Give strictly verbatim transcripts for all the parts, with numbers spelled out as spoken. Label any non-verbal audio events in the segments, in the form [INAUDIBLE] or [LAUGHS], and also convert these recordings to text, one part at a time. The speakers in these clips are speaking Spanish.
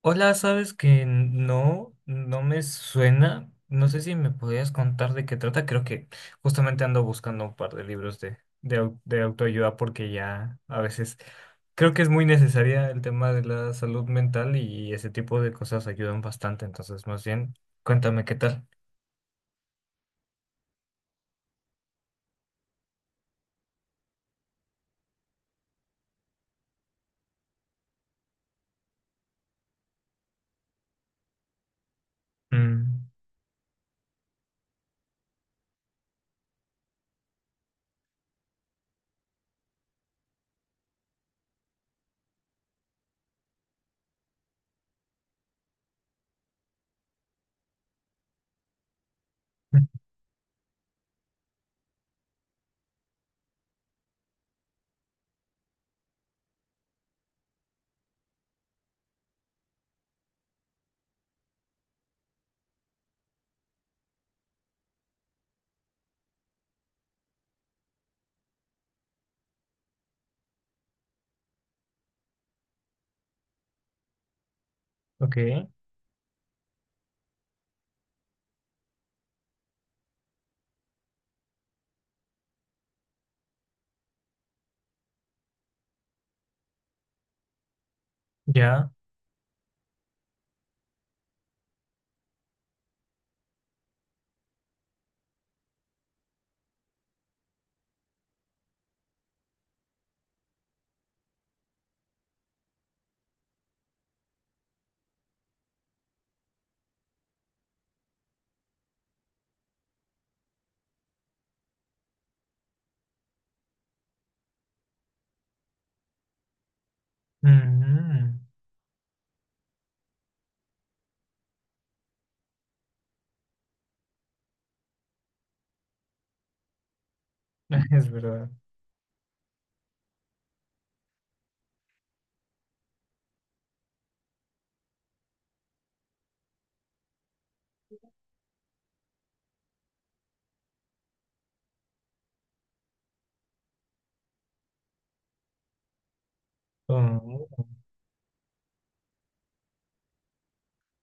Hola, sabes que no, no me suena. No sé si me podrías contar de qué trata. Creo que justamente ando buscando un par de libros de, de, au- de autoayuda porque ya a veces creo que es muy necesaria el tema de la salud mental y ese tipo de cosas ayudan bastante. Entonces, más bien, cuéntame qué tal. Mm, [LAUGHS] ok, ya. Ujú, [LAUGHS] es verdad. Oh,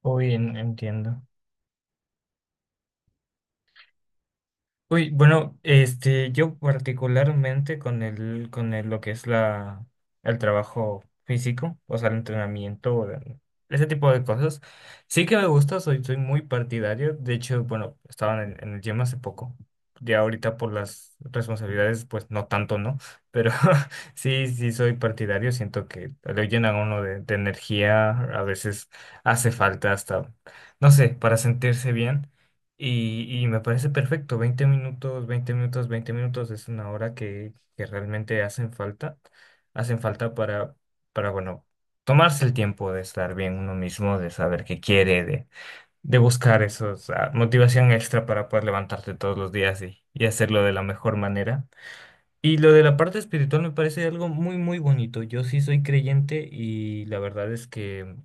hoy en- entiendo. Uy, bueno, este, yo particularmente con el, con el- lo que es la, el trabajo físico, o sea, el entrenamiento, el- ese tipo de cosas, sí que me gusta, soy, soy muy partidario. De hecho, bueno, estaba en el, en el gym hace poco. Ya ahorita por las responsabilidades, pues no tanto, ¿no? Pero [LAUGHS] sí, sí soy partidario. Siento que le llenan a uno de, de energía. A veces hace falta hasta, no sé, para sentirse bien. Y, y me parece perfecto, veinte minutos, veinte minutos, veinte minutos es una hora que, que realmente hacen falta, hacen falta para, para, bueno, tomarse el tiempo de estar bien uno mismo, de saber qué quiere, de, de buscar esos, ah, motivación extra para poder levantarte todos los días y, y hacerlo de la mejor manera. Y lo de la parte espiritual me parece algo muy, muy bonito. Yo sí soy creyente y la verdad es que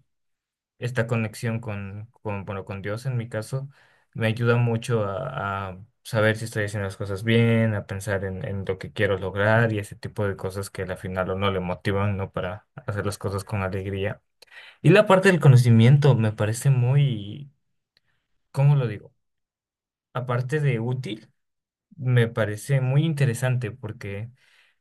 esta conexión con, con, bueno, con Dios en mi caso, me ayuda mucho a, a saber si estoy haciendo las cosas bien, a pensar en, en lo que quiero lograr y ese tipo de cosas que al final o no le motivan, ¿no? Para hacer las cosas con alegría. Y la parte del conocimiento me parece muy, ¿cómo lo digo? Aparte de útil, me parece muy interesante porque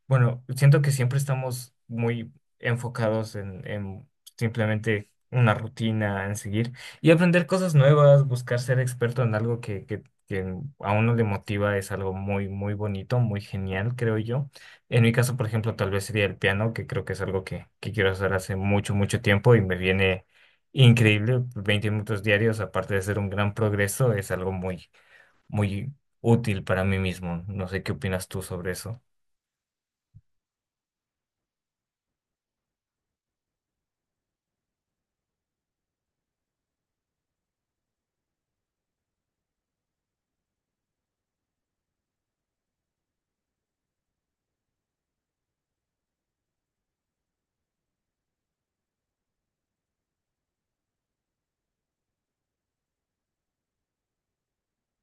bueno, siento que siempre estamos muy enfocados en, en simplemente una rutina, en seguir y aprender cosas nuevas, buscar ser experto en algo que, que, que a uno le motiva, es algo muy, muy bonito, muy genial, creo yo. En mi caso, por ejemplo, tal vez sería el piano, que creo que es algo que, que quiero hacer hace mucho, mucho tiempo y me viene increíble. Veinte minutos diarios, aparte de ser un gran progreso, es algo muy, muy útil para mí mismo. No sé qué opinas tú sobre eso.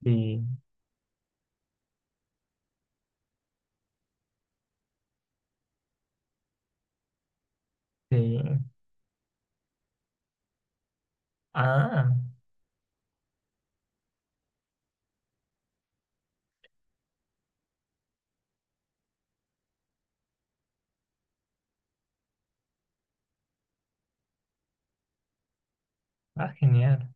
Sí. Sí. Ah, ah, genial.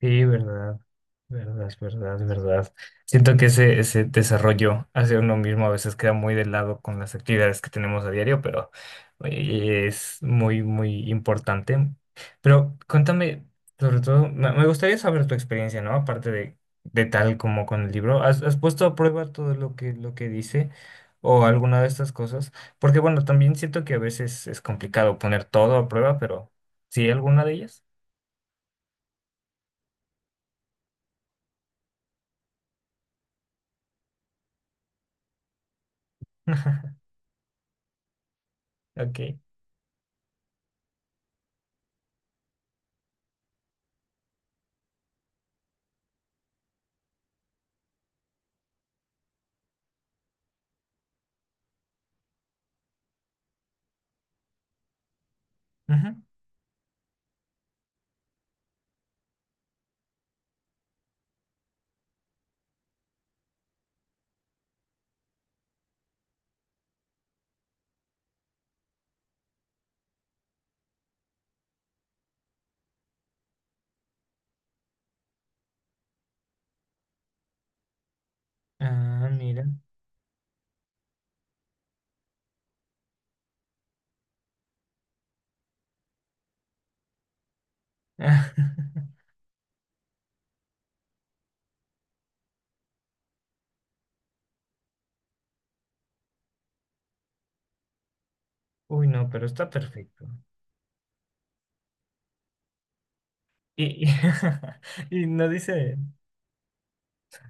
Sí, verdad, verdad, verdad, verdad. Siento que ese, ese desarrollo hacia uno mismo a veces queda muy de lado con las actividades que tenemos a diario, pero oye, es muy, muy importante. Pero cuéntame, sobre todo, me me gustaría saber tu experiencia, ¿no? Aparte de, de tal como con el libro, ¿has, has puesto a prueba todo lo que, lo que dice o alguna de estas cosas? Porque bueno, también siento que a veces es complicado poner todo a prueba, pero sí, alguna de ellas. [LAUGHS] Ok. Ujú. Ah, mira. [LAUGHS] Uy, no, pero está perfecto. Y, y, [LAUGHS] y no dice.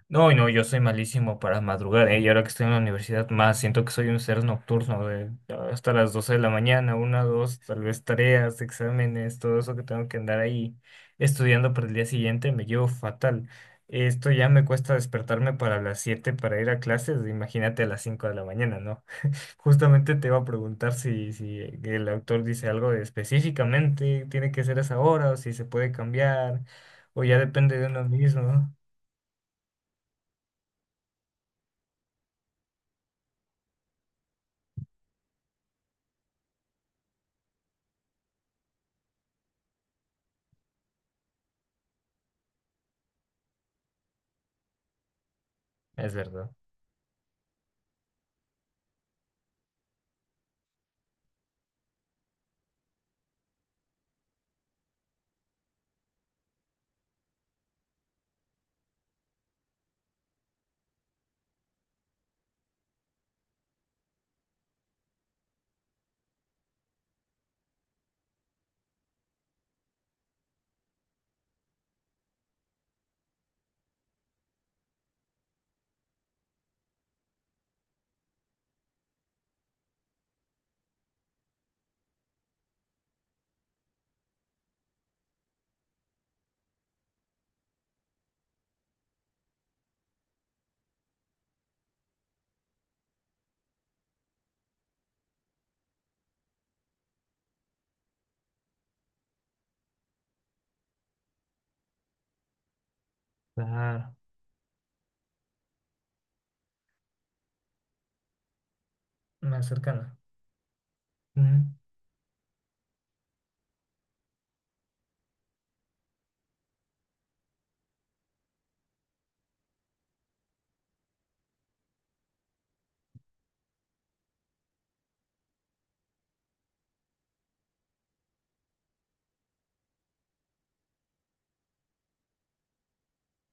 No, no, yo soy malísimo para madrugar, ¿eh? Y ahora que estoy en la universidad, más siento que soy un ser nocturno, de ah, hasta las doce de la mañana, una, dos, tal vez tareas, exámenes, todo eso que tengo que andar ahí estudiando para el día siguiente, me llevo fatal. Esto ya me cuesta despertarme para las siete para ir a clases, imagínate a las cinco de la mañana, ¿no? Justamente te iba a preguntar si, si el autor dice algo de específicamente, tiene que ser esa hora, o si se puede cambiar, o ya depende de uno mismo, ¿no? Es verdad. Claro, más cercano. Ujú.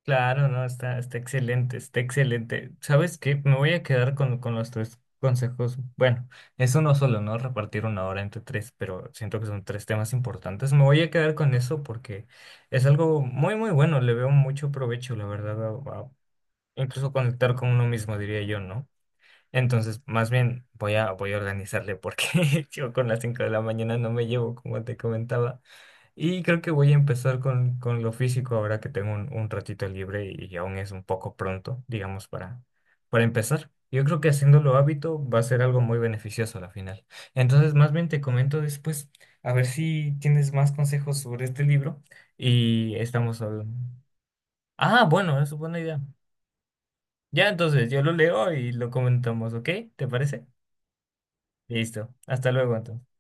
Claro, no, está, está excelente, está excelente. ¿Sabes qué? Me voy a quedar con, con los tres consejos. Bueno, es uno solo, ¿no? Repartir una hora entre tres, pero siento que son tres temas importantes. Me voy a quedar con eso porque es algo muy, muy bueno. Le veo mucho provecho, la verdad, incluso conectar con uno mismo, diría yo, ¿no? Entonces, más bien voy a, voy a organizarle porque [LAUGHS] yo con las cinco de la mañana no me llevo, como te comentaba. Y creo que voy a empezar con, con lo físico ahora que tengo un, un ratito libre y aún es un poco pronto, digamos, para, para empezar. Yo creo que haciéndolo hábito va a ser algo muy beneficioso a la final. Entonces, más bien te comento después, a ver si tienes más consejos sobre este libro y estamos hablando. Ah, bueno, es una buena idea. Ya entonces yo lo leo y lo comentamos, ¿ok? ¿Te parece? Listo. Hasta luego entonces.